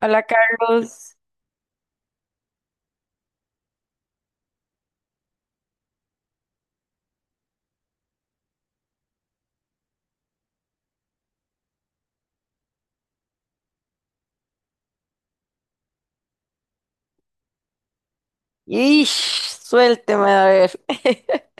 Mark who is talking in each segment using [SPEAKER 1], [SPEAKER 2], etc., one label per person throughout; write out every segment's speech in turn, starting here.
[SPEAKER 1] Hola, Carlos. Y suélteme a ver.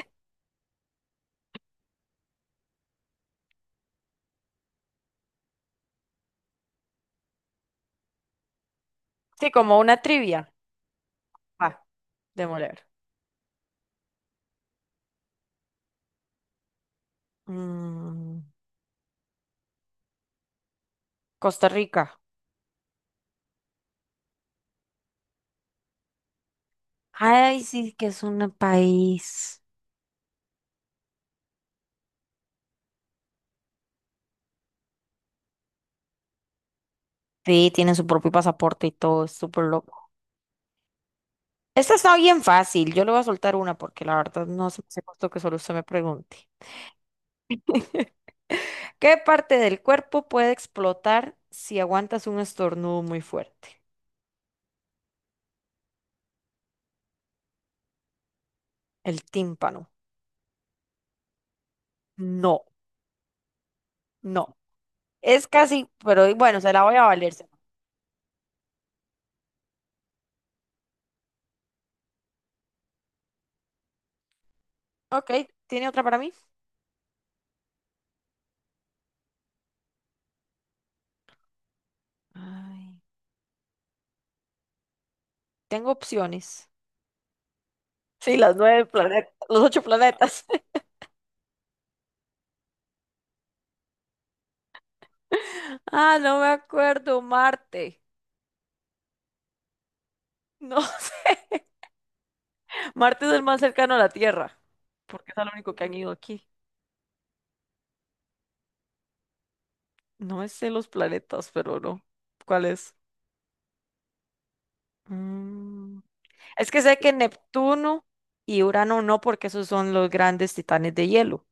[SPEAKER 1] Sí, como una trivia. Va, demoler. Mm, Costa Rica. Ay, sí, que es un país. Sí, tiene su propio pasaporte y todo, es súper loco. Esta está bien fácil, yo le voy a soltar una porque la verdad no se me hace justo que solo usted me pregunte. ¿Qué parte del cuerpo puede explotar si aguantas un estornudo muy fuerte? El tímpano. No, no. Es casi, pero bueno, se la voy a valer. Ok, ¿tiene otra para mí? Ay. Tengo opciones. Sí, las nueve planetas, los ocho planetas. Ah, no me acuerdo, Marte. No sé. Marte es el más cercano a la Tierra, porque es el único que han ido aquí. No me sé los planetas, pero no. ¿Cuál es? Mm, Es que sé que Neptuno y Urano no, porque esos son los grandes titanes de hielo,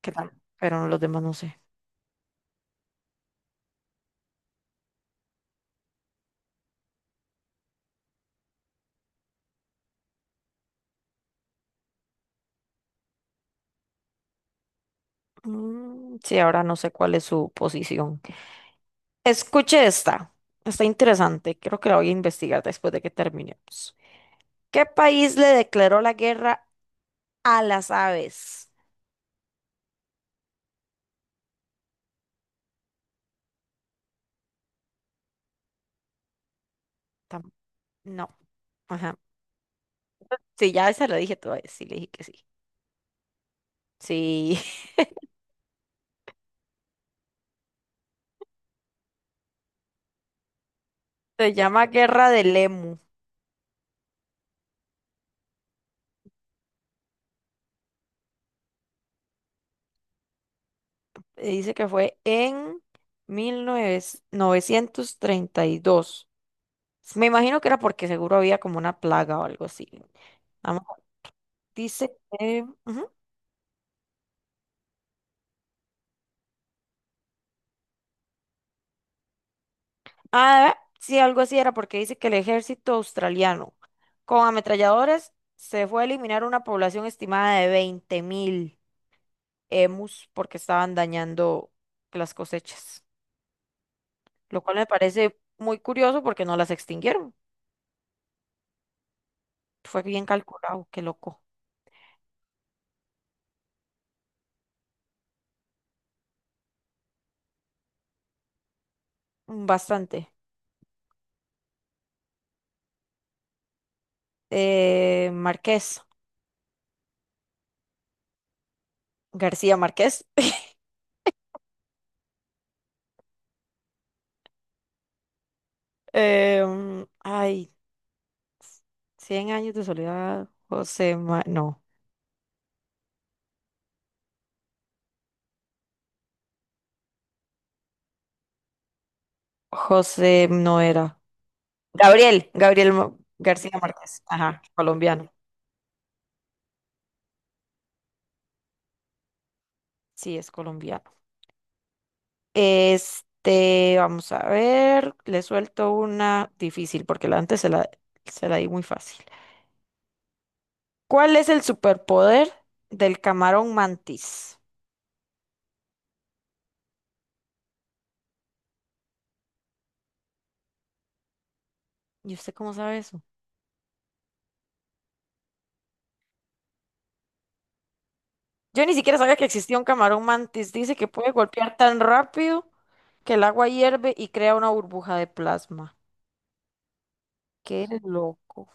[SPEAKER 1] que tam- pero los demás no sé. Mm, sí, ahora no sé cuál es su posición. Escuche esta. Está interesante. Creo que la voy a investigar después de que terminemos. ¿Qué país le declaró la guerra a las aves? Tam- no. Ajá. Sí, ya esa la dije todavía. Sí, le dije que sí. Sí. Se llama Guerra del Emu. Dice que fue en 1932. Me imagino que era porque seguro había como una plaga o algo así. Vamos. a- Dice que... ujú. Ah, sí, algo así era porque dice que el ejército australiano con ametralladores se fue a eliminar una población estimada de 20.000 emus porque estaban dañando las cosechas, lo cual me parece muy curioso porque no las extinguieron. Fue bien calculado, qué loco. Bastante. Marqués, García Márquez. Ay, 100 años de soledad, José, no, José no era. Gabriel, García Márquez, ajá, colombiano. Sí, es colombiano. Este, vamos a ver, le suelto una difícil porque la antes se la di muy fácil. ¿Cuál es el superpoder del camarón mantis? ¿Y usted cómo sabe eso? Yo ni siquiera sabía que existía un camarón mantis. Dice que puede golpear tan rápido que el agua hierve y crea una burbuja de plasma. Qué loco.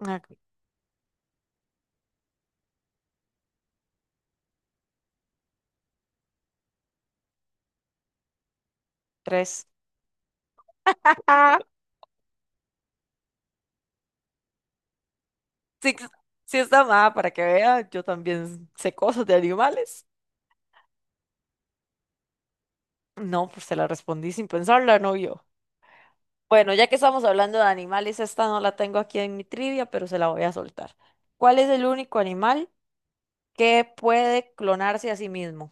[SPEAKER 1] Ah, tres. Sí, sí está mal, para que vea, yo también sé cosas de animales. No, pues se la respondí sin pensarla, no yo. Bueno, ya que estamos hablando de animales, esta no la tengo aquí en mi trivia, pero se la voy a soltar. ¿Cuál es el único animal que puede clonarse a sí mismo?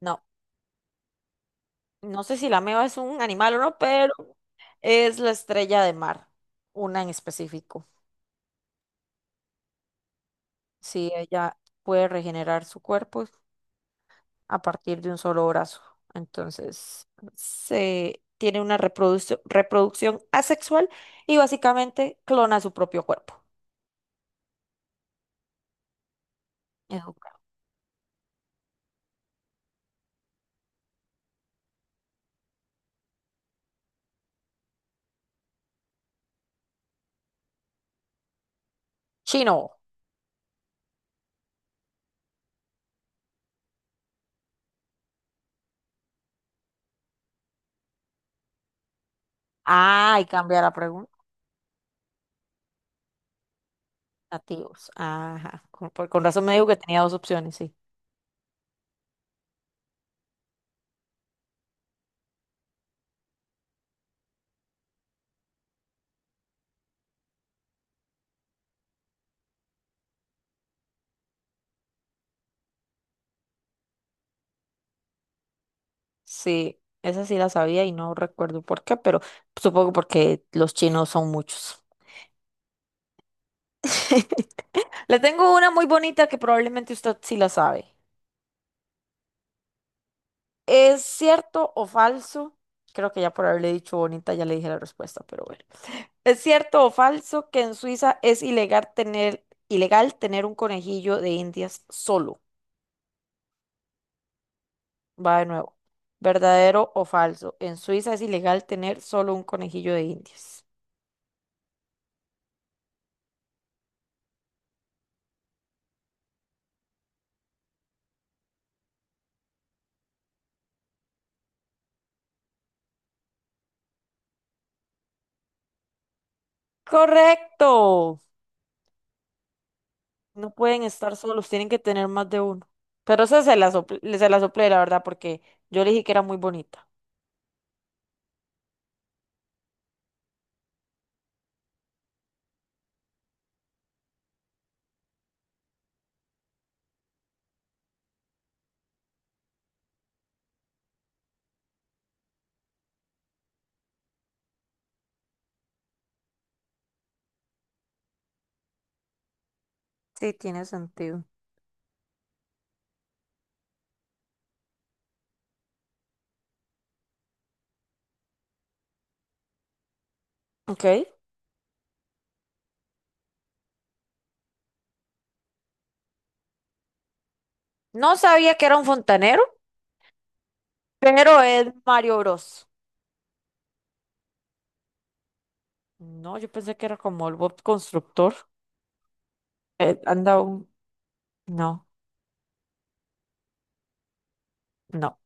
[SPEAKER 1] No, no sé si la meba es un animal o no, pero es la estrella de mar, una en específico. Sí, ella puede regenerar su cuerpo a partir de un solo brazo. Entonces, se tiene una reproducción asexual y básicamente clona su propio cuerpo. Es un Chino. Ah, y cambia la pregunta. Nativos. Ajá. Con razón me dijo que tenía dos opciones, sí. Sí, esa sí la sabía y no recuerdo por qué, pero supongo porque los chinos son muchos. Le tengo una muy bonita que probablemente usted sí la sabe. ¿Es cierto o falso? Creo que ya por haberle dicho bonita ya le dije la respuesta, pero bueno. ¿Es cierto o falso que en Suiza es ilegal tener un conejillo de Indias solo? Va de nuevo. ¿Verdadero o falso? En Suiza es ilegal tener solo un conejillo de Indias. Correcto. No pueden estar solos, tienen que tener más de uno. Pero esa se la soplé, la verdad, porque yo le dije que era muy bonita. Sí, tiene sentido. Ok. No sabía que era un fontanero. Pero es Mario Bros. No, yo pensé que era como el Bob Constructor. Anda un... No, no.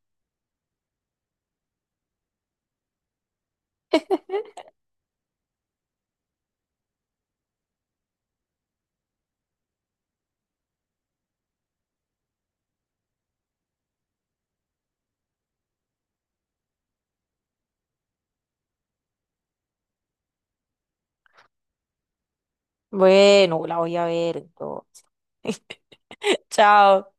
[SPEAKER 1] Bueno, la voy a ver entonces. Chao.